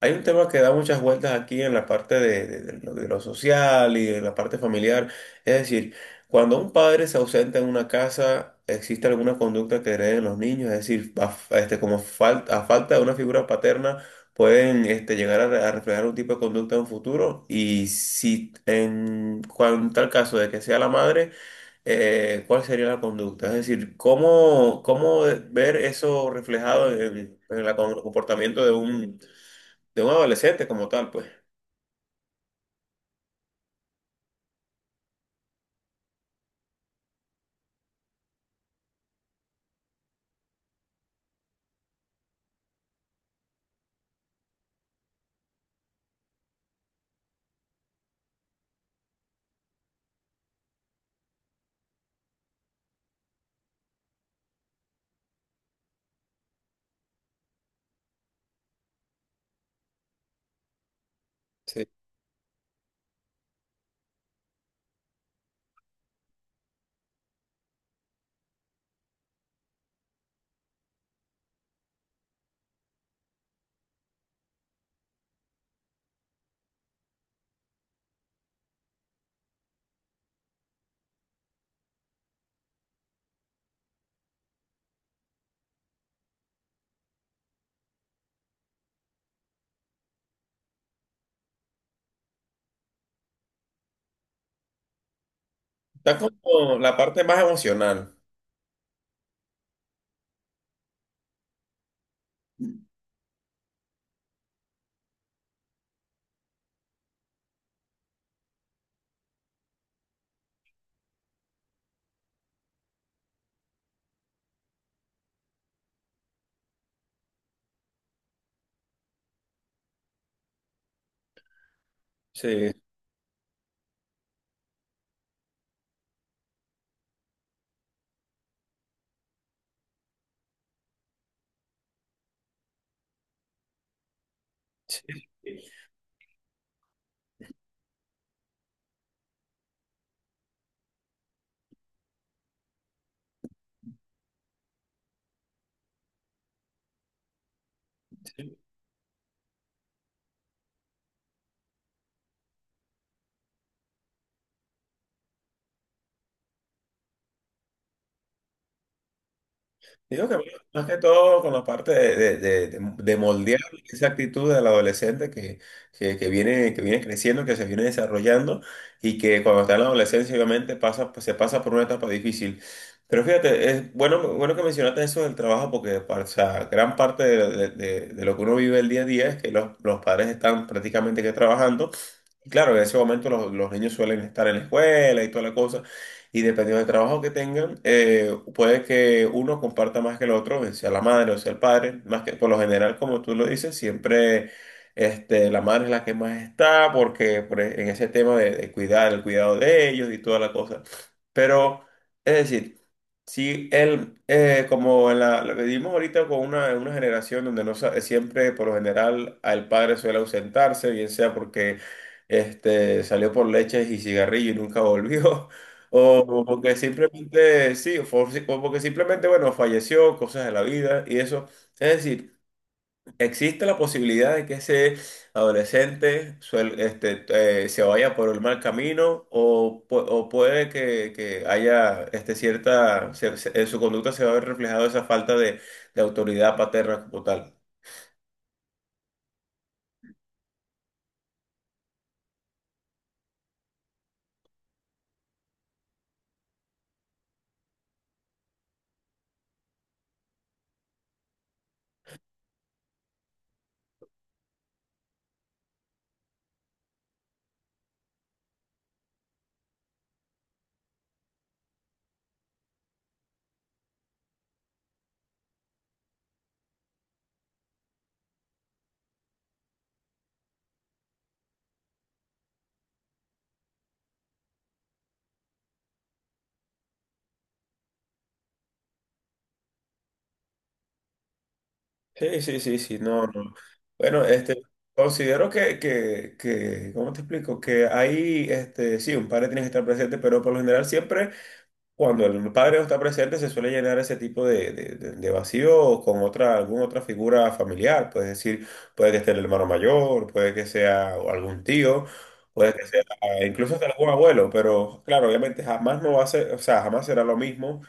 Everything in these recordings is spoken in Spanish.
Hay un tema que da muchas vueltas aquí en la parte de de lo social y en la parte familiar. Es decir, cuando un padre se ausenta en una casa, ¿existe alguna conducta que hereden los niños? Es decir, como falta, a falta de una figura paterna, pueden llegar a, a reflejar un tipo de conducta en un futuro. Y si tal caso de que sea la madre, ¿cuál sería la conducta? Es decir, ¿cómo, cómo ver eso reflejado en el comportamiento de un adolescente como tal, pues. Sí. Está como la parte más emocional. Sí, sí, sí. Digo que bueno, más que todo con la parte de de moldear esa actitud del adolescente que viene creciendo, que se viene desarrollando y que cuando está en la adolescencia obviamente pasa, pues, se pasa por una etapa difícil. Pero fíjate, es bueno, bueno que mencionaste eso del trabajo porque o sea, gran parte de de lo que uno vive el día a día es que los padres están prácticamente que trabajando. Claro, en ese momento los niños suelen estar en la escuela y toda la cosa, y dependiendo del trabajo que tengan, puede que uno comparta más que el otro, bien sea la madre o sea el padre, más que por lo general, como tú lo dices, siempre la madre es la que más está, porque en ese tema de cuidar, el cuidado de ellos y toda la cosa. Pero, es decir, Sí, él, como en la, lo que vivimos ahorita con una, en una generación donde no sa- siempre, por lo general, al padre suele ausentarse, bien sea porque salió por leches y cigarrillo y nunca volvió, o porque simplemente, sí, o porque simplemente, bueno, falleció, cosas de la vida y eso. Es decir, existe la posibilidad de que ese adolescente se vaya por el mal camino o, o puede que haya cierta, en su conducta se va a ver reflejado esa falta de autoridad paterna como tal. Sí, sí, sí, sí, no, no. Bueno, considero que, ¿cómo te explico? Que ahí, sí, un padre tiene que estar presente, pero por lo general siempre. Cuando el padre no está presente, se suele llenar ese tipo de de vacío con otra, alguna otra figura familiar. Puedes decir, puede que esté el hermano mayor, puede que sea algún tío, puede que sea incluso hasta algún abuelo, pero claro, obviamente jamás no va a ser, o sea, jamás será lo mismo.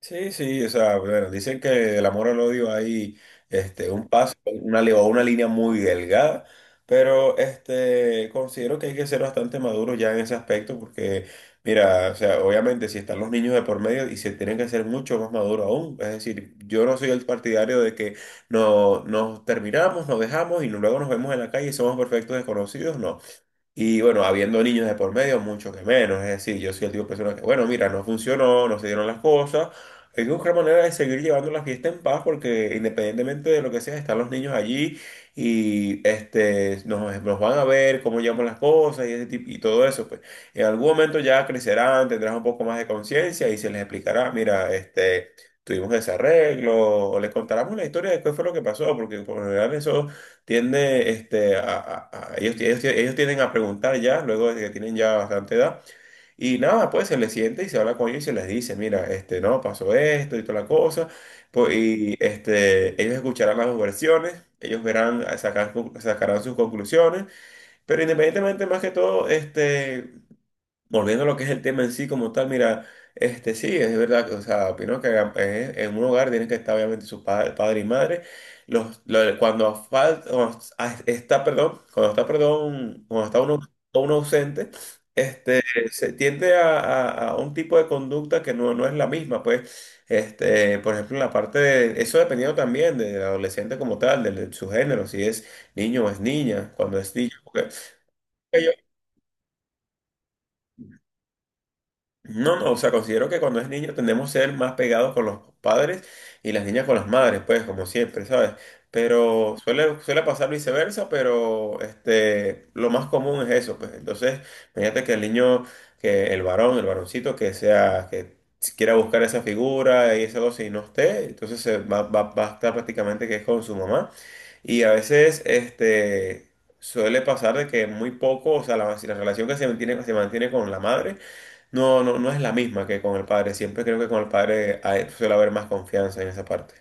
Sí, sí, o sea, bueno, dicen que del amor al odio hay un paso, una, o una línea muy delgada, pero considero que hay que ser bastante maduro ya en ese aspecto, porque, mira, o sea, obviamente si están los niños de por medio y se tienen que ser mucho más maduros aún, es decir, yo no soy el partidario de que no, nos terminamos, nos dejamos y luego nos vemos en la calle y somos perfectos desconocidos, no. Y bueno, habiendo niños de por medio, mucho que menos. Es decir, yo soy el tipo de persona que, bueno, mira, no funcionó, no se dieron las cosas. Hay que buscar manera de seguir llevando la fiesta en paz porque independientemente de lo que sea, están los niños allí y nos, nos van a ver cómo llevamos las cosas y, ese tipo- y todo eso. Pues. En algún momento ya crecerán, tendrán un poco más de conciencia y se les explicará, mira, tuvimos ese arreglo, o les contaremos la historia de qué fue lo que pasó, porque por lo general eso tiende a, ellos, ellos tienden a preguntar ya, luego de que tienen ya bastante edad, y nada, pues se les siente y se habla con ellos y se les dice, mira, no, pasó esto y toda la cosa, pues, y ellos escucharán las dos versiones, ellos verán, sacarán sus conclusiones, pero independientemente más que todo, este. Volviendo a lo que es el tema en sí como tal, mira, este sí, es verdad, o sea, opino que en un hogar tienen que estar obviamente su padre y madre. Cuando falta, está, perdón, cuando está, perdón, cuando está uno, uno ausente, este, se tiende a, a un tipo de conducta que no, no es la misma, pues, por ejemplo, en la parte de, eso dependiendo también del adolescente como tal, de, su género, si es niño o es niña, cuando es niño, porque no, no, o sea, considero que cuando es niño tendemos a ser más pegados con los padres y las niñas con las madres, pues, como siempre, ¿sabes? Pero suele, suele pasar viceversa, pero lo más común es eso, pues. Entonces, fíjate que el niño, que el varón, el varoncito, que sea, que si quiera buscar esa figura y esa cosa y no esté, entonces se va, va, va a estar prácticamente que es con su mamá. Y a veces, suele pasar de que muy poco, o sea, la, si la relación que se mantiene con la madre no, no, no es la misma que con el padre. Siempre creo que con el padre suele haber más confianza en esa parte.